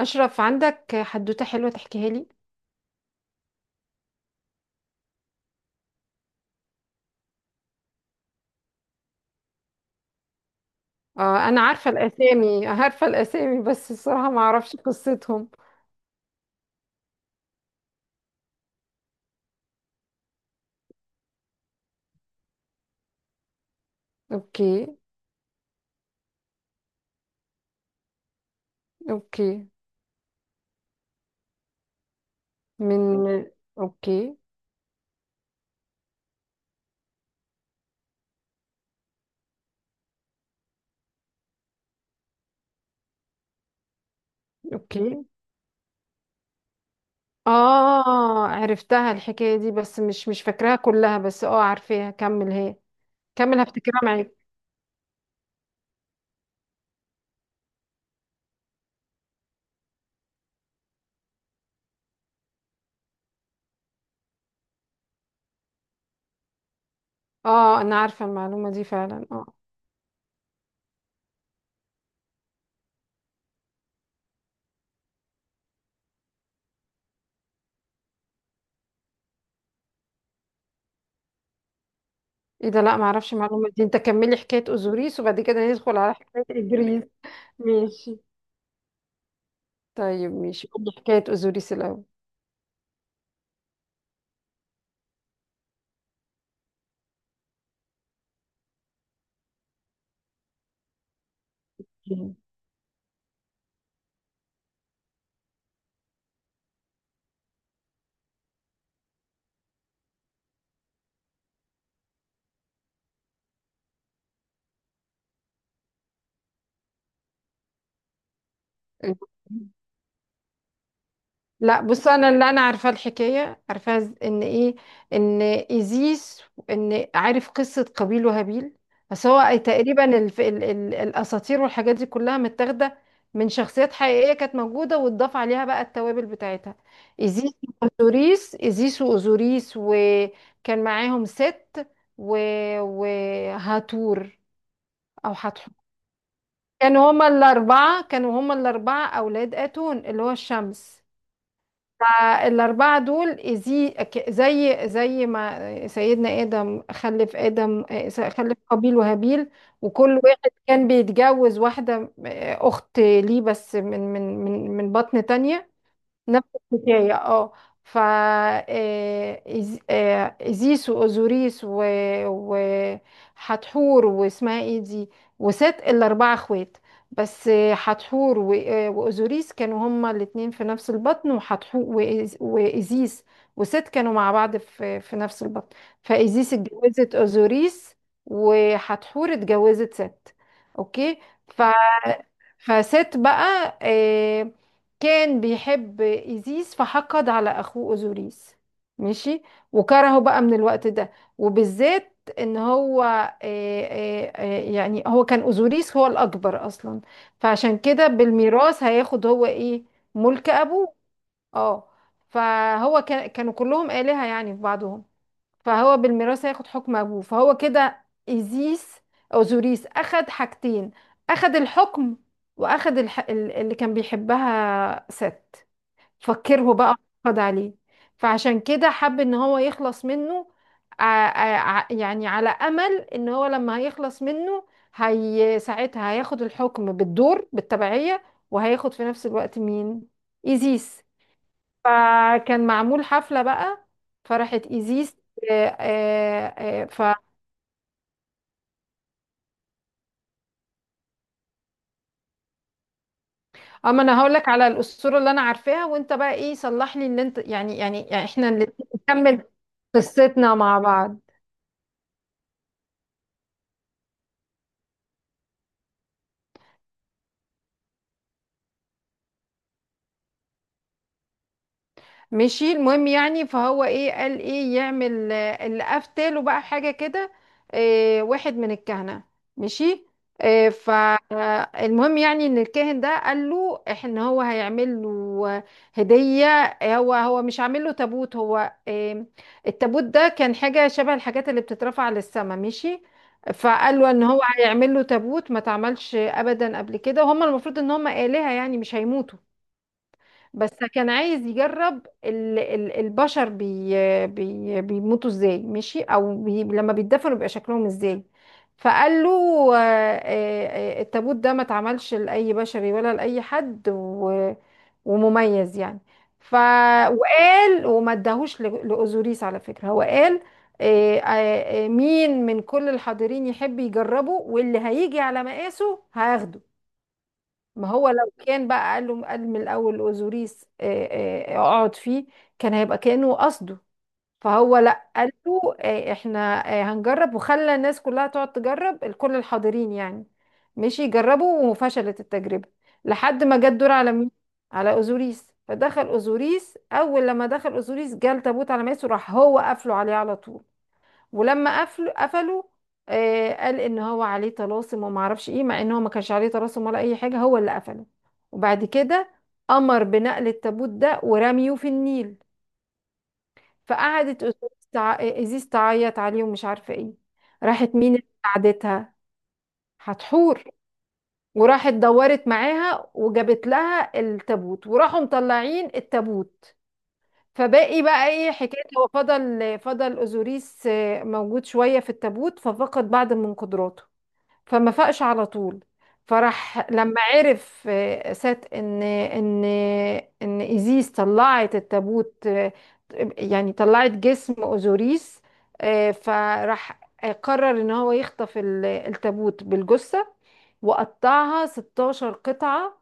أشرف، عندك حدوتة حلوة تحكيها لي؟ آه، أنا عارفة الأسامي، عارفة الأسامي، بس الصراحة ما أعرفش قصتهم. أوكي. أوكي. من. أوكي. أوكي. آه، عرفتها الحكاية دي، بس مش فاكراها كلها، بس آه، عارفاها. كمل هي، كمل هفتكرها معاك. آه، أنا عارفة المعلومة دي فعلا، آه. إيه ده؟ لا، ما أعرفش المعلومة دي. أنت كملي حكاية أوزوريس، وبعد كده ندخل على حكاية إدريس. ماشي. طيب ماشي، قولي حكاية أوزوريس الأول. لا بص، انا اللي انا عارفه الحكايه، عارفاها ان ايه، ان ايزيس، ان عارف قصه قابيل وهابيل؟ بس هو تقريبا الاساطير والحاجات دي كلها متاخده من شخصيات حقيقيه كانت موجوده، واتضاف عليها بقى التوابل بتاعتها. ايزيس واوزوريس، ايزيس واوزوريس، وكان معاهم ست و... وهاتور او حتحور. كانوا هما الاربعه، كانوا هما الاربعه اولاد اتون اللي هو الشمس. فالأربعة دول زي زي ما سيدنا آدم خلف آدم، خلف قابيل وهابيل. وكل واحد كان بيتجوز واحدة أخت ليه، بس من بطن تانية. نفس الحكاية، اه. فا، إزيس وأوزوريس وحتحور واسمها ايه دي، وست. الأربعة اخوات، بس حتحور وأوزوريس كانوا هما الاتنين في نفس البطن، وحتحور وإزيس وست كانوا مع بعض في نفس البطن. فإزيس اتجوزت أوزوريس، وحتحور اتجوزت ست. اوكي. فست بقى كان بيحب إيزيس، فحقد على أخوه أوزوريس. ماشي. وكرهه بقى من الوقت ده. وبالذات ان هو، يعني هو كان أوزوريس هو الأكبر أصلا، فعشان كده بالميراث هياخد هو إيه؟ ملك أبوه. اه. فهو كان، كانوا كلهم آلهة يعني في بعضهم. فهو بالميراث هياخد حكم ابوه. فهو كده ايزيس، او زوريس اخد حاجتين: اخد الحكم، واخد اللي كان بيحبها ست. فكره بقى، خد عليه. فعشان كده حب ان هو يخلص منه. ع... يعني على امل ان هو لما هيخلص منه، هي ساعتها هياخد الحكم بالدور، بالتبعية. وهياخد في نفس الوقت مين؟ ايزيس. فكان معمول حفلة بقى، فراحت ايزيس. آه، آه، آه، ف اما انا هقول لك على الاسطوره اللي انا عارفاها، وانت بقى ايه صلح لي ان انت، يعني احنا اللي نكمل قصتنا مع بعض. مشي. المهم يعني، فهو ايه قال، ايه يعمل؟ اللي افتله بقى حاجه كده، إيه، واحد من الكهنه. مشي. إيه، فالمهم يعني ان الكاهن ده قال له ان هو هيعمل له هديه. هو مش عامل له تابوت؟ هو إيه؟ التابوت ده كان حاجه شبه الحاجات اللي بتترفع للسما. مشي. فقال له ان هو هيعمل له تابوت ما تعملش ابدا قبل كده. وهم المفروض ان هم آلهة يعني مش هيموتوا، بس كان عايز يجرب البشر بي بي بيموتوا ازاي، ماشي، او بي لما بيتدفنوا بيبقى شكلهم ازاي. فقال له آه، التابوت ده ما اتعملش لأي بشري ولا لأي حد، ومميز يعني. ف، وقال، وما اداهوش لأوزوريس على فكرة. هو قال مين من كل الحاضرين يحب يجربه، واللي هيجي على مقاسه هاخده. ما هو لو كان بقى قال له، قال من الاول اوزوريس اقعد فيه، كان هيبقى كانه قصده. فهو لا، قال له احنا هنجرب، وخلى الناس كلها تقعد تجرب، الكل الحاضرين يعني. مشي. يجربوا، وفشلت التجربه لحد ما جه الدور على مين؟ على اوزوريس. فدخل اوزوريس، اول لما دخل اوزوريس جه التابوت على ماسه، راح هو قافله عليه على طول. ولما قفلوا، قفلوا. آه، قال ان هو عليه طلاسم وما اعرفش ايه، مع ان هو ما كانش عليه طلاسم ولا اي حاجه، هو اللي قفله. وبعد كده امر بنقل التابوت ده ورميه في النيل. فقعدت ازيز تعيط عليه، ومش عارفه ايه. راحت مين اللي ساعدتها؟ هتحور. وراحت دورت معاها وجابت لها التابوت، وراحوا مطلعين التابوت. فباقي بقى ايه حكايه، هو فضل، فضل اوزوريس موجود شويه في التابوت، ففقد بعض من قدراته، فما فاقش على طول. فراح لما عرف سات ان، ان ان ايزيس طلعت التابوت، يعني طلعت جسم اوزوريس. فراح قرر ان هو يخطف التابوت بالجثة وقطعها 16 قطعة،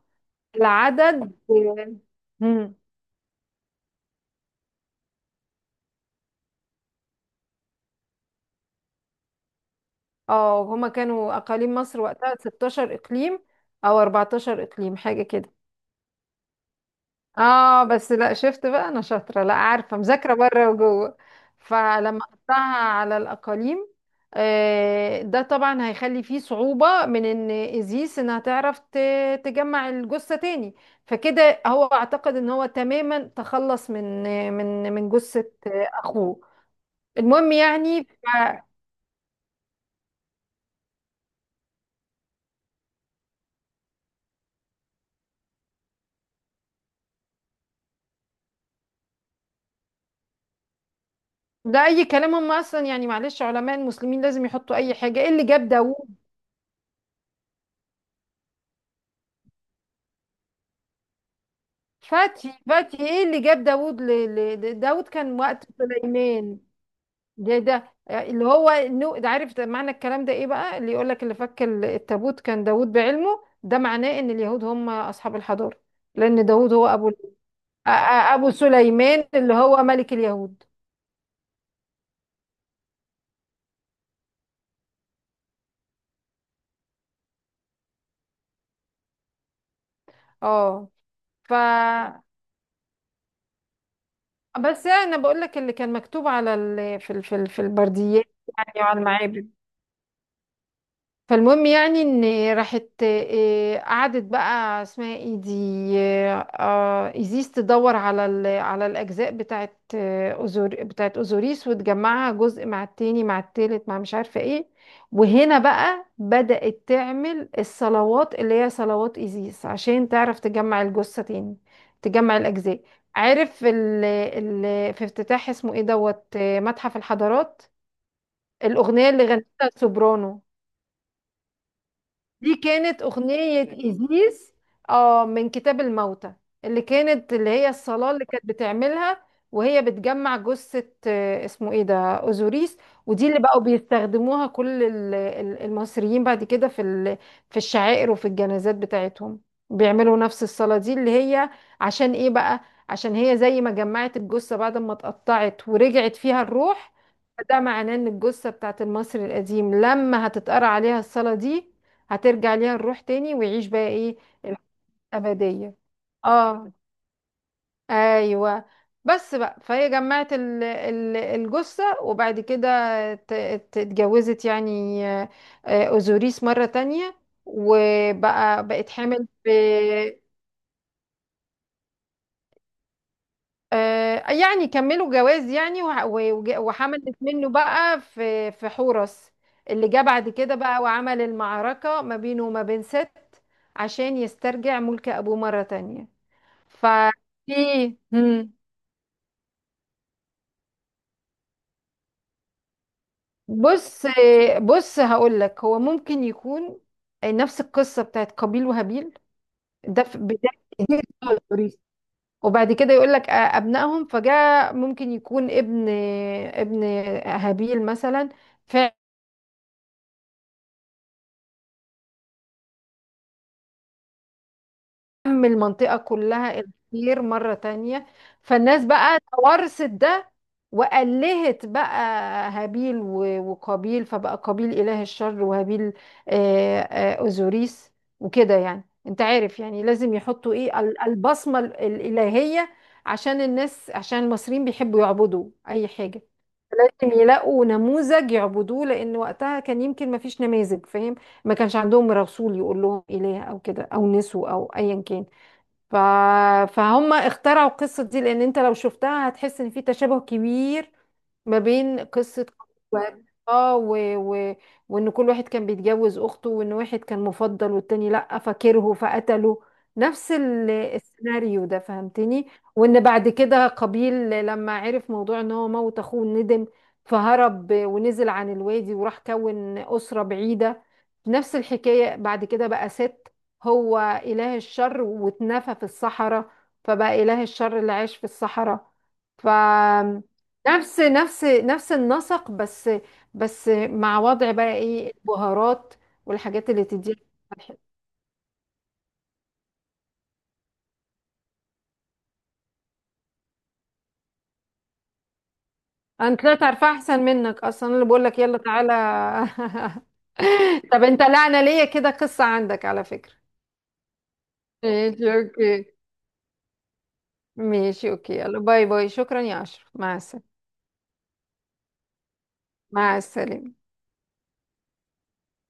العدد. مم. اه هما كانوا اقاليم مصر وقتها 16 اقليم، او 14 اقليم حاجة كده. اه بس لا، شفت بقى، انا شاطره، لا عارفه، مذاكره بره وجوه. فلما احطها على الاقاليم، ده طبعا هيخلي فيه صعوبة من ان ازيس انها تعرف تجمع الجثة تاني. فكده هو اعتقد ان هو تماما تخلص من جثة اخوه. المهم يعني ده اي كلام. هم اصلا يعني، معلش، علماء المسلمين لازم يحطوا اي حاجة. ايه اللي جاب داوود؟ فاتي، فاتي، ايه اللي جاب داوود؟ داوود كان وقت سليمان. ده اللي هو النو، ده عارف ده معنى الكلام ده ايه بقى؟ اللي يقول لك اللي فك التابوت كان داوود بعلمه، ده معناه ان اليهود هم اصحاب الحضارة. لان داوود هو ابو ابو سليمان اللي هو ملك اليهود. اه. ف. بس انا بقول لك اللي كان مكتوب على في البرديات يعني وعلى المعابد. فالمهم يعني ان راحت قعدت بقى، اسمها ايه دي، ايزيس، تدور على على الاجزاء بتاعت أوزور، بتاعت اوزوريس، وتجمعها جزء مع التاني مع التالت مع مش عارفه ايه. وهنا بقى بدأت تعمل الصلوات اللي هي صلوات ايزيس، عشان تعرف تجمع الجثه تاني، تجمع الاجزاء. عارف ال ال في افتتاح اسمه ايه، دوت، متحف الحضارات؟ الاغنيه اللي غنتها سوبرانو، دي كانت أغنية إيزيز، اه، من كتاب الموتى. اللي كانت، اللي هي الصلاة اللي كانت بتعملها وهي بتجمع جثة، اسمه ايه ده، أوزوريس. ودي اللي بقوا بيستخدموها كل المصريين بعد كده في في الشعائر وفي الجنازات بتاعتهم. بيعملوا نفس الصلاة دي اللي هي، عشان ايه بقى؟ عشان هي زي ما جمعت الجثة بعد ما اتقطعت، ورجعت فيها الروح. فده معناه ان الجثة بتاعت المصري القديم لما هتتقرأ عليها الصلاة دي، هترجع ليها الروح تاني، ويعيش بقى ايه؟ الحياة الأبدية. اه. ايوه. بس بقى، فهي جمعت الجثة. وبعد كده ت- اتجوزت يعني اوزوريس مرة تانية، وبقى بقت حامل ب، يعني كملوا جواز يعني، وحملت منه بقى في حورس اللي جه بعد كده بقى، وعمل المعركة ما بينه وما بين ست عشان يسترجع ملك أبوه مرة تانية. ففي. بص، بص هقول لك، هو ممكن يكون نفس القصه بتاعت قابيل وهابيل. ده في بدايه التوريث، وبعد كده يقول لك ابنائهم فجاء، ممكن يكون ابن، ابن هابيل مثلا فعل، فهم المنطقة كلها الخير مرة تانية. فالناس بقى تورثت ده، وألهت بقى هابيل وقابيل. فبقى قابيل إله الشر، وهابيل أوزوريس. وكده يعني، انت عارف يعني، لازم يحطوا ايه، البصمة الإلهية، عشان الناس، عشان المصريين بيحبوا يعبدوا أي حاجة، لازم يلاقوا نموذج يعبدوه، لأن وقتها كان يمكن ما فيش نماذج، فاهم؟ ما كانش عندهم رسول يقول لهم إله أو كده أو نسو أو أيا كان. ف... فهم اخترعوا القصة دي. لأن انت لو شفتها هتحس ان في تشابه كبير ما بين قصة وهب- اه و... و... وان كل واحد كان بيتجوز اخته، وان واحد كان مفضل والتاني لا، فكره فقتله. نفس السيناريو ده، فهمتني؟ وان بعد كده قابيل لما عرف موضوع ان هو موت اخوه ندم، فهرب ونزل عن الوادي وراح كون أسرة بعيدة. نفس الحكاية بعد كده بقى ست، هو إله الشر، واتنفى في الصحراء، فبقى إله الشر اللي عاش في الصحراء. ف. نفس النسق، بس بس مع وضع بقى ايه، البهارات والحاجات اللي تديها. الواحد. انا طلعت عارفه احسن منك اصلا، أنا اللي بقول لك يلا تعالى. طب انت، لا انا ليا كده قصه عندك على فكره. ماشي، اوكي. ماشي، اوكي، يلا، باي باي، شكرا يا اشرف، مع السلامه. مع السلامه.